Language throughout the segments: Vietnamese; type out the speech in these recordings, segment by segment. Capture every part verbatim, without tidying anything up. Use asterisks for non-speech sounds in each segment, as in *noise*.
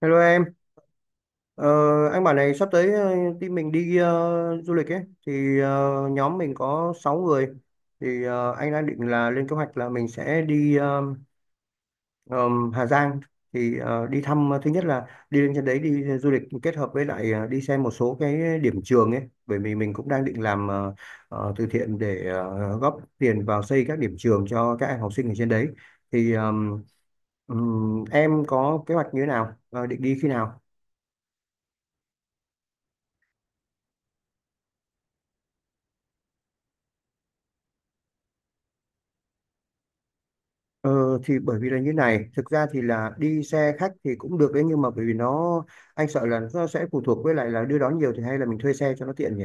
Hello em, ờ, anh bảo này sắp tới ờ, team mình đi ờ, du lịch ấy, thì ờ, nhóm mình có sáu người, thì ờ, anh đang định là lên kế hoạch là mình sẽ đi ờ, ờm, Hà Giang, thì ờ, đi thăm, ờ, thứ nhất là đi lên trên đấy đi ờ, du lịch kết hợp với lại ờ, đi xem một số cái điểm trường ấy, bởi vì mình cũng đang định làm ờ, ờ, từ thiện để ờ, góp tiền vào xây các điểm trường cho các em học sinh ở trên đấy. Thì ờm, ừm, em có kế hoạch như thế nào, Ờ, định đi khi nào? Ờ, thì bởi vì là như này, thực ra thì là đi xe khách thì cũng được đấy, nhưng mà bởi vì nó anh sợ là nó sẽ phụ thuộc với lại là đưa đón nhiều, thì hay là mình thuê xe cho nó tiện nhỉ.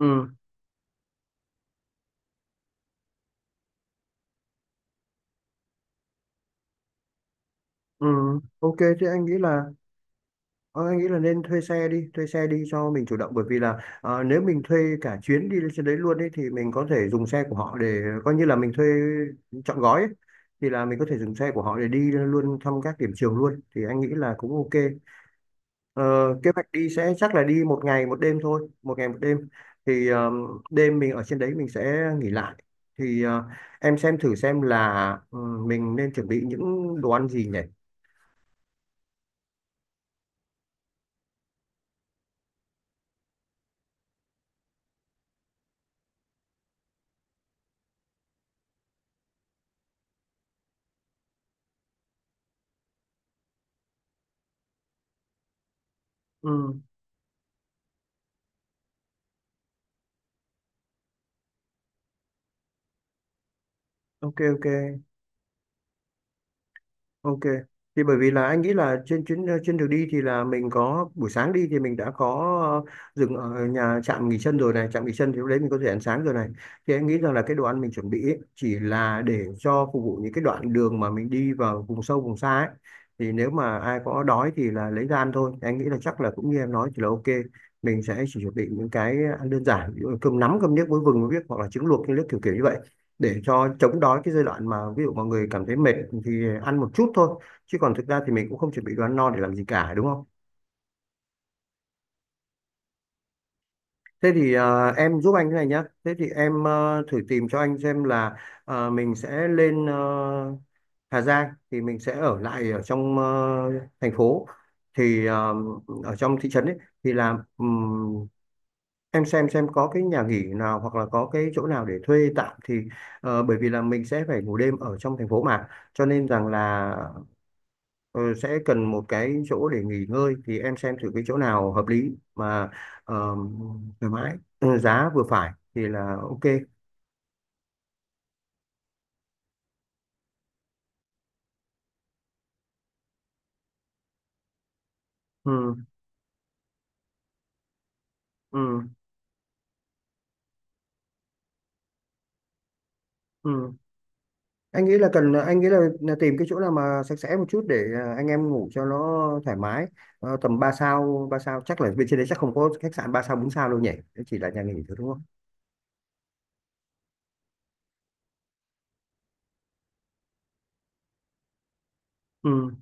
Ừ. Ừ. Ok, thì anh nghĩ là ờ, anh nghĩ là nên thuê xe đi, thuê xe đi cho mình chủ động, bởi vì là ờ, nếu mình thuê cả chuyến đi lên trên đấy luôn ấy thì mình có thể dùng xe của họ để coi như là mình thuê trọn gói ấy. Thì là mình có thể dùng xe của họ để đi luôn thăm các điểm trường luôn, thì anh nghĩ là cũng ok. Ờ, Kế hoạch đi sẽ chắc là đi một ngày một đêm thôi, một ngày một đêm. Thì ờ, đêm mình ở trên đấy mình sẽ nghỉ lại. Thì ờ, em xem thử xem là ừ, mình nên chuẩn bị những đồ ăn gì nhỉ? Ừ, ok ok. Ok. Thì bởi vì là anh nghĩ là trên chuyến ờ, trên đường đi thì là mình có buổi sáng đi thì mình đã có ờ, dừng ở nhà trạm nghỉ chân rồi này, trạm nghỉ chân thì lúc đấy mình có thể ăn sáng rồi này. Thì anh nghĩ rằng là cái đồ ăn mình chuẩn bị ấy, chỉ là để cho phục vụ những cái đoạn đường mà mình đi vào vùng sâu vùng xa ấy. Thì nếu mà ai có đói thì là lấy ra ăn thôi. Thì anh nghĩ là chắc là cũng như em nói thì là ok. Mình sẽ chỉ chuẩn bị những cái ăn đơn giản, ví dụ là cơm nắm, cơm niếc muối vừng muối biếc hoặc là trứng luộc những nước kiểu kiểu như vậy để cho chống đói cái giai đoạn mà ví dụ mọi người cảm thấy mệt thì ăn một chút thôi, chứ còn thực ra thì mình cũng không chuẩn bị đồ ăn no để làm gì cả đúng không. Thế thì ờ, em giúp anh cái này nhá. Thế thì em ờ, thử tìm cho anh xem là ờ, mình sẽ lên ờ, Hà Giang thì mình sẽ ở lại ở trong ờ, thành phố, thì ờ, ở trong thị trấn ấy, thì là ừm, em xem xem có cái nhà nghỉ nào hoặc là có cái chỗ nào để thuê tạm thì ờ, bởi vì là mình sẽ phải ngủ đêm ở trong thành phố mà, cho nên rằng là ờ, sẽ cần một cái chỗ để nghỉ ngơi, thì em xem thử cái chỗ nào hợp lý mà ờ, thoải mái, ừ, giá vừa phải thì là ok. Ừ, ừ, ừ. Anh nghĩ là cần, anh nghĩ là, là, tìm cái chỗ nào mà sạch sẽ một chút để à, anh em ngủ cho nó thoải mái. Ờ, tầm ba sao ba sao chắc là bên trên đấy chắc không có khách sạn ba sao bốn sao đâu nhỉ. Đấy chỉ là nhà nghỉ thôi đúng không. Ừ,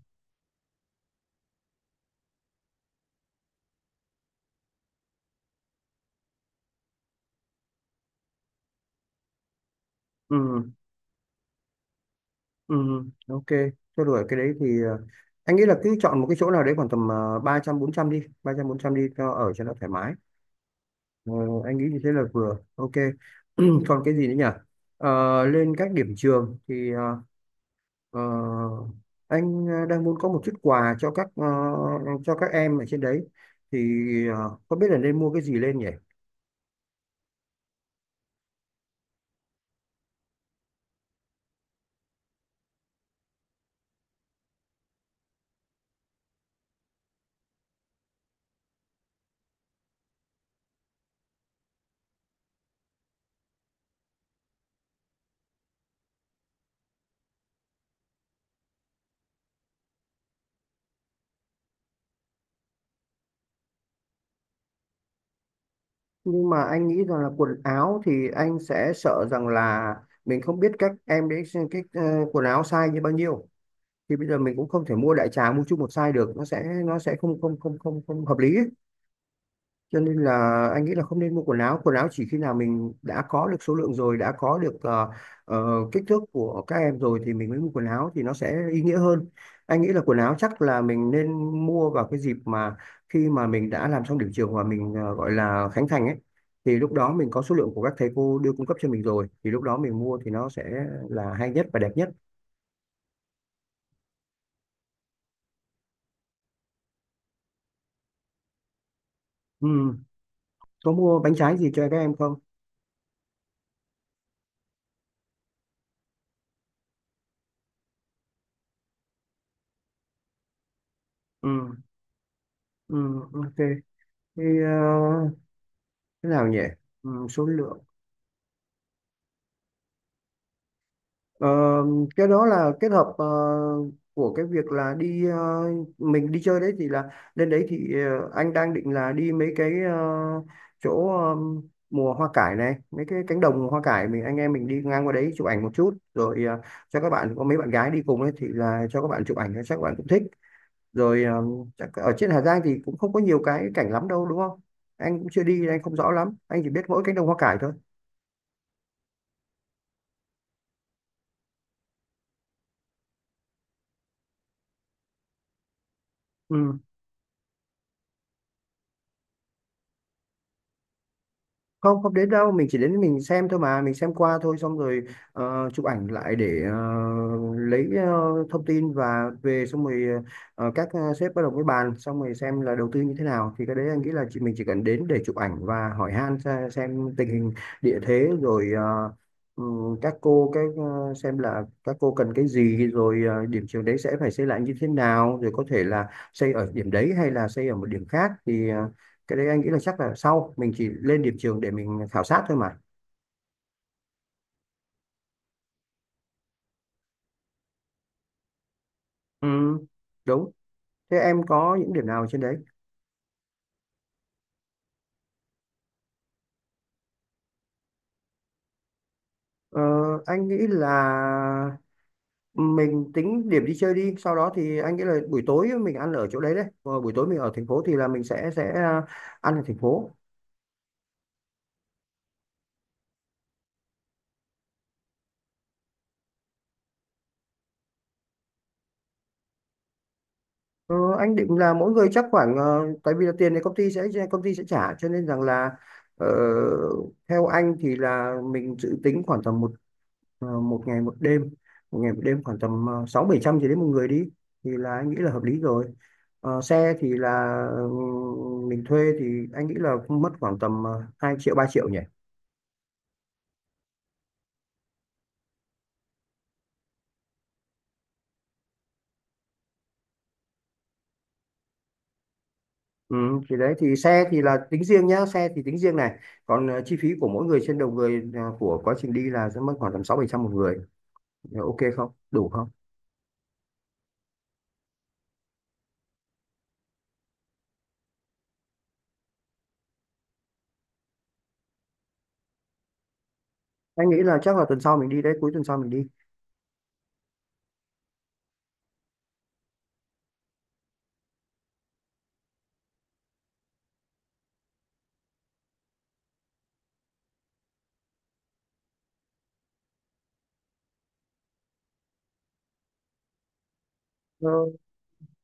ừ, ừ, ok. Cho đuổi cái đấy thì ờ, anh nghĩ là cứ chọn một cái chỗ nào đấy khoảng tầm ờ, ba trăm bốn trăm đi, ba trăm bốn trăm đi cho ở cho nó thoải mái. Ờ, anh nghĩ như thế là vừa ok. *clears throat* Còn cái gì nữa nhỉ? Ờ, lên các điểm trường thì ờ, ờ, anh ờ, đang muốn có một chút quà cho các ờ, cho các em ở trên đấy, thì ờ, không biết là nên mua cái gì lên nhỉ. Nhưng mà anh nghĩ rằng là quần áo thì anh sẽ sợ rằng là mình không biết các em đấy xem cái ờ, quần áo size như bao nhiêu, thì bây giờ mình cũng không thể mua đại trà mua chung một size được, nó sẽ nó sẽ không không không không không hợp lý ấy. Cho nên là anh nghĩ là không nên mua quần áo, quần áo chỉ khi nào mình đã có được số lượng rồi, đã có được ờ, ờ, kích thước của các em rồi thì mình mới mua quần áo, thì nó sẽ ý nghĩa hơn. Anh nghĩ là quần áo chắc là mình nên mua vào cái dịp mà khi mà mình đã làm xong điểm trường và mình ờ, gọi là khánh thành ấy, thì lúc đó mình có số lượng của các thầy cô đưa cung cấp cho mình rồi, thì lúc đó mình mua thì nó sẽ là hay nhất và đẹp nhất. Ừ. Có mua bánh trái gì cho các em không? Ừ. Ừ. Ok, thì ờ, thế nào nhỉ? Ừ. Số lượng. Ờ, cái đó là kết hợp ờ, của cái việc là đi, ờ, mình đi chơi đấy thì là lên đấy thì ờ, anh đang định là đi mấy cái ờ, chỗ ờ, mùa hoa cải này, mấy cái cánh đồng hoa cải, mình anh em mình đi ngang qua đấy chụp ảnh một chút rồi ờ, cho các bạn, có mấy bạn gái đi cùng ấy thì là cho các bạn chụp ảnh chắc các bạn cũng thích rồi. ờ, Chắc ở trên Hà Giang thì cũng không có nhiều cái cảnh lắm đâu đúng không. Anh cũng chưa đi nên anh không rõ lắm, anh chỉ biết mỗi cánh đồng hoa cải thôi. Ừ. Không, không đến đâu, mình chỉ đến mình xem thôi mà, mình xem qua thôi xong rồi ờ, chụp ảnh lại để ờ, lấy ờ, thông tin và về, xong rồi ờ, các ờ, sếp bắt đầu mới bàn xong rồi xem là đầu tư như thế nào, thì cái đấy anh nghĩ là chị mình chỉ cần đến để chụp ảnh và hỏi han, xe- xem tình hình địa thế, rồi ờ, ừ, các cô cái ờ, xem là các cô cần cái gì rồi, ờ, điểm trường đấy sẽ phải xây lại như thế nào, rồi có thể là xây ở điểm đấy hay là xây ở một điểm khác, thì ờ, cái đấy anh nghĩ là chắc là sau mình chỉ lên điểm trường để mình khảo sát thôi mà. Ừ, đúng thế. Em có những điểm nào trên đấy. ờ, anh nghĩ là mình tính điểm đi chơi đi, sau đó thì anh nghĩ là buổi tối mình ăn ở chỗ đấy đấy. Ờ, Buổi tối mình ở thành phố thì là mình sẽ sẽ à, ăn ở thành phố. ờ, anh định là mỗi người chắc khoảng ờ, tại vì là tiền này công ty sẽ công ty sẽ trả, cho nên rằng là ờ, theo anh thì là mình dự tính khoảng tầm ờ, một ngày một đêm, một ngày một đêm khoảng tầm ờ, sáu bảy trăm gì đấy một người đi, thì là anh nghĩ là hợp lý rồi. Ờ, xe thì là ừ, mình thuê thì anh nghĩ là mất khoảng tầm ờ, hai triệu ba triệu nhỉ. Ừ. Thì đấy thì xe thì là tính riêng nhá, xe thì tính riêng này, còn ờ, chi phí của mỗi người trên đầu người ờ, của quá trình đi là sẽ mất khoảng tầm sáu bảy trăm một người. Ờ, ok không đủ không. Anh nghĩ là chắc là tuần sau mình đi đấy, cuối tuần sau mình đi.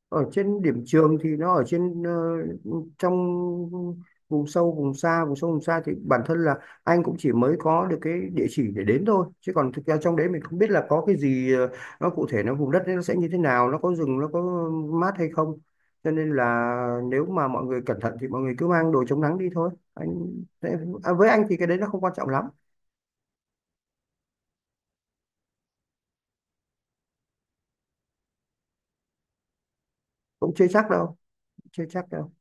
Ở trên điểm trường thì nó ở trên ờ, trong vùng sâu vùng xa, vùng sâu vùng xa thì bản thân là anh cũng chỉ mới có được cái địa chỉ để đến thôi, chứ còn thực ra trong đấy mình không biết là có cái gì ờ, nó cụ thể, nó vùng đất đấy nó sẽ như thế nào, nó có rừng nó có mát hay không, cho nên là nếu mà mọi người cẩn thận thì mọi người cứ mang đồ chống nắng đi thôi anh. À, với anh thì cái đấy nó không quan trọng lắm. Cũng chưa chắc đâu, chưa chắc đâu.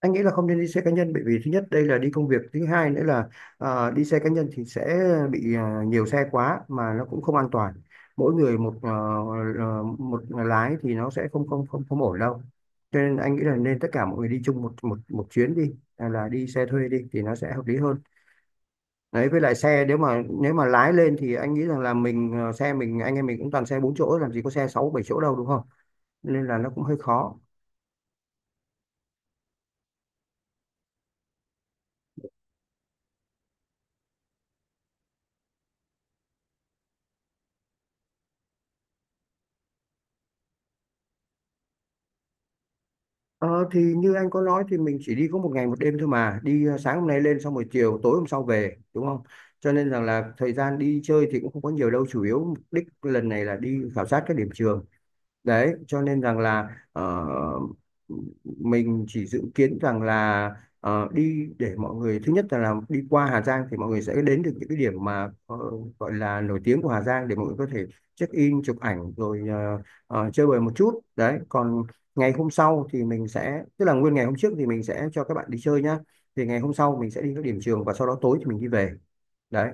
Anh nghĩ là không nên đi xe cá nhân, bởi vì thứ nhất đây là đi công việc, thứ hai nữa là ờ, đi xe cá nhân thì sẽ bị ờ, nhiều xe quá mà nó cũng không an toàn. Mỗi người một ờ, ờ, một lái thì nó sẽ không không không không ổn đâu, cho nên anh nghĩ là nên tất cả mọi người đi chung một một một chuyến đi hay là đi xe thuê đi, thì nó sẽ hợp lý hơn. Đấy, với lại xe nếu mà nếu mà lái lên thì anh nghĩ rằng là mình ờ, xe mình anh em mình cũng toàn xe bốn chỗ, làm gì có xe sáu bảy chỗ đâu đúng không, nên là nó cũng hơi khó. Ờ, thì như anh có nói thì mình chỉ đi có một ngày một đêm thôi mà, đi ờ, sáng hôm nay lên xong rồi chiều tối hôm sau về đúng không, cho nên rằng là thời gian đi chơi thì cũng không có nhiều đâu, chủ yếu mục đích lần này là đi khảo sát các điểm trường đấy, cho nên rằng là ờ, mình chỉ dự kiến rằng là ờ, đi để mọi người thứ nhất là làm đi qua Hà Giang thì mọi người sẽ đến được những cái điểm mà ờ, gọi là nổi tiếng của Hà Giang để mọi người có thể check in chụp ảnh rồi ờ, ờ, chơi bời một chút đấy, còn ngày hôm sau thì mình sẽ, tức là nguyên ngày hôm trước thì mình sẽ cho các bạn đi chơi nhá, thì ngày hôm sau mình sẽ đi các điểm trường và sau đó tối thì mình đi về đấy.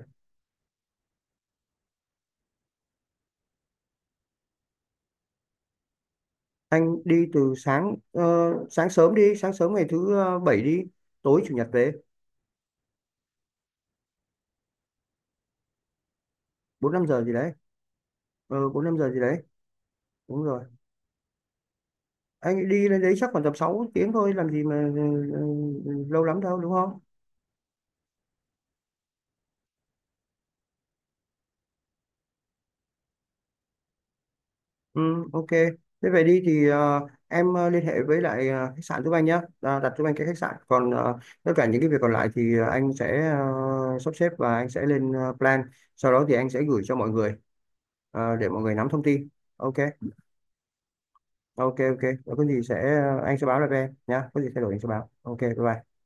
Anh đi từ sáng ờ, sáng sớm đi, sáng sớm ngày thứ ờ, bảy đi, tối chủ nhật về. Bốn năm giờ gì đấy. Ừ, bốn năm giờ gì đấy. Đúng rồi. Anh đi lên đấy chắc khoảng tầm sáu tiếng thôi, làm gì mà ừ, ừ, ừ, lâu lắm đâu đúng không. Ừ, ok. Thế về đi thì ờ, em ờ, liên hệ với lại ờ, khách sạn giúp anh nhé, à, đặt giúp anh cái khách sạn, còn ờ, tất cả những cái việc còn lại thì ờ, anh sẽ ờ, sắp xếp và anh sẽ lên ờ, plan, sau đó thì anh sẽ gửi cho mọi người ờ, để mọi người nắm thông tin. Ok ok ok. Có gì sẽ ờ, anh sẽ báo lại với em nhá, có gì thay đổi anh sẽ báo. Ok, bye bye.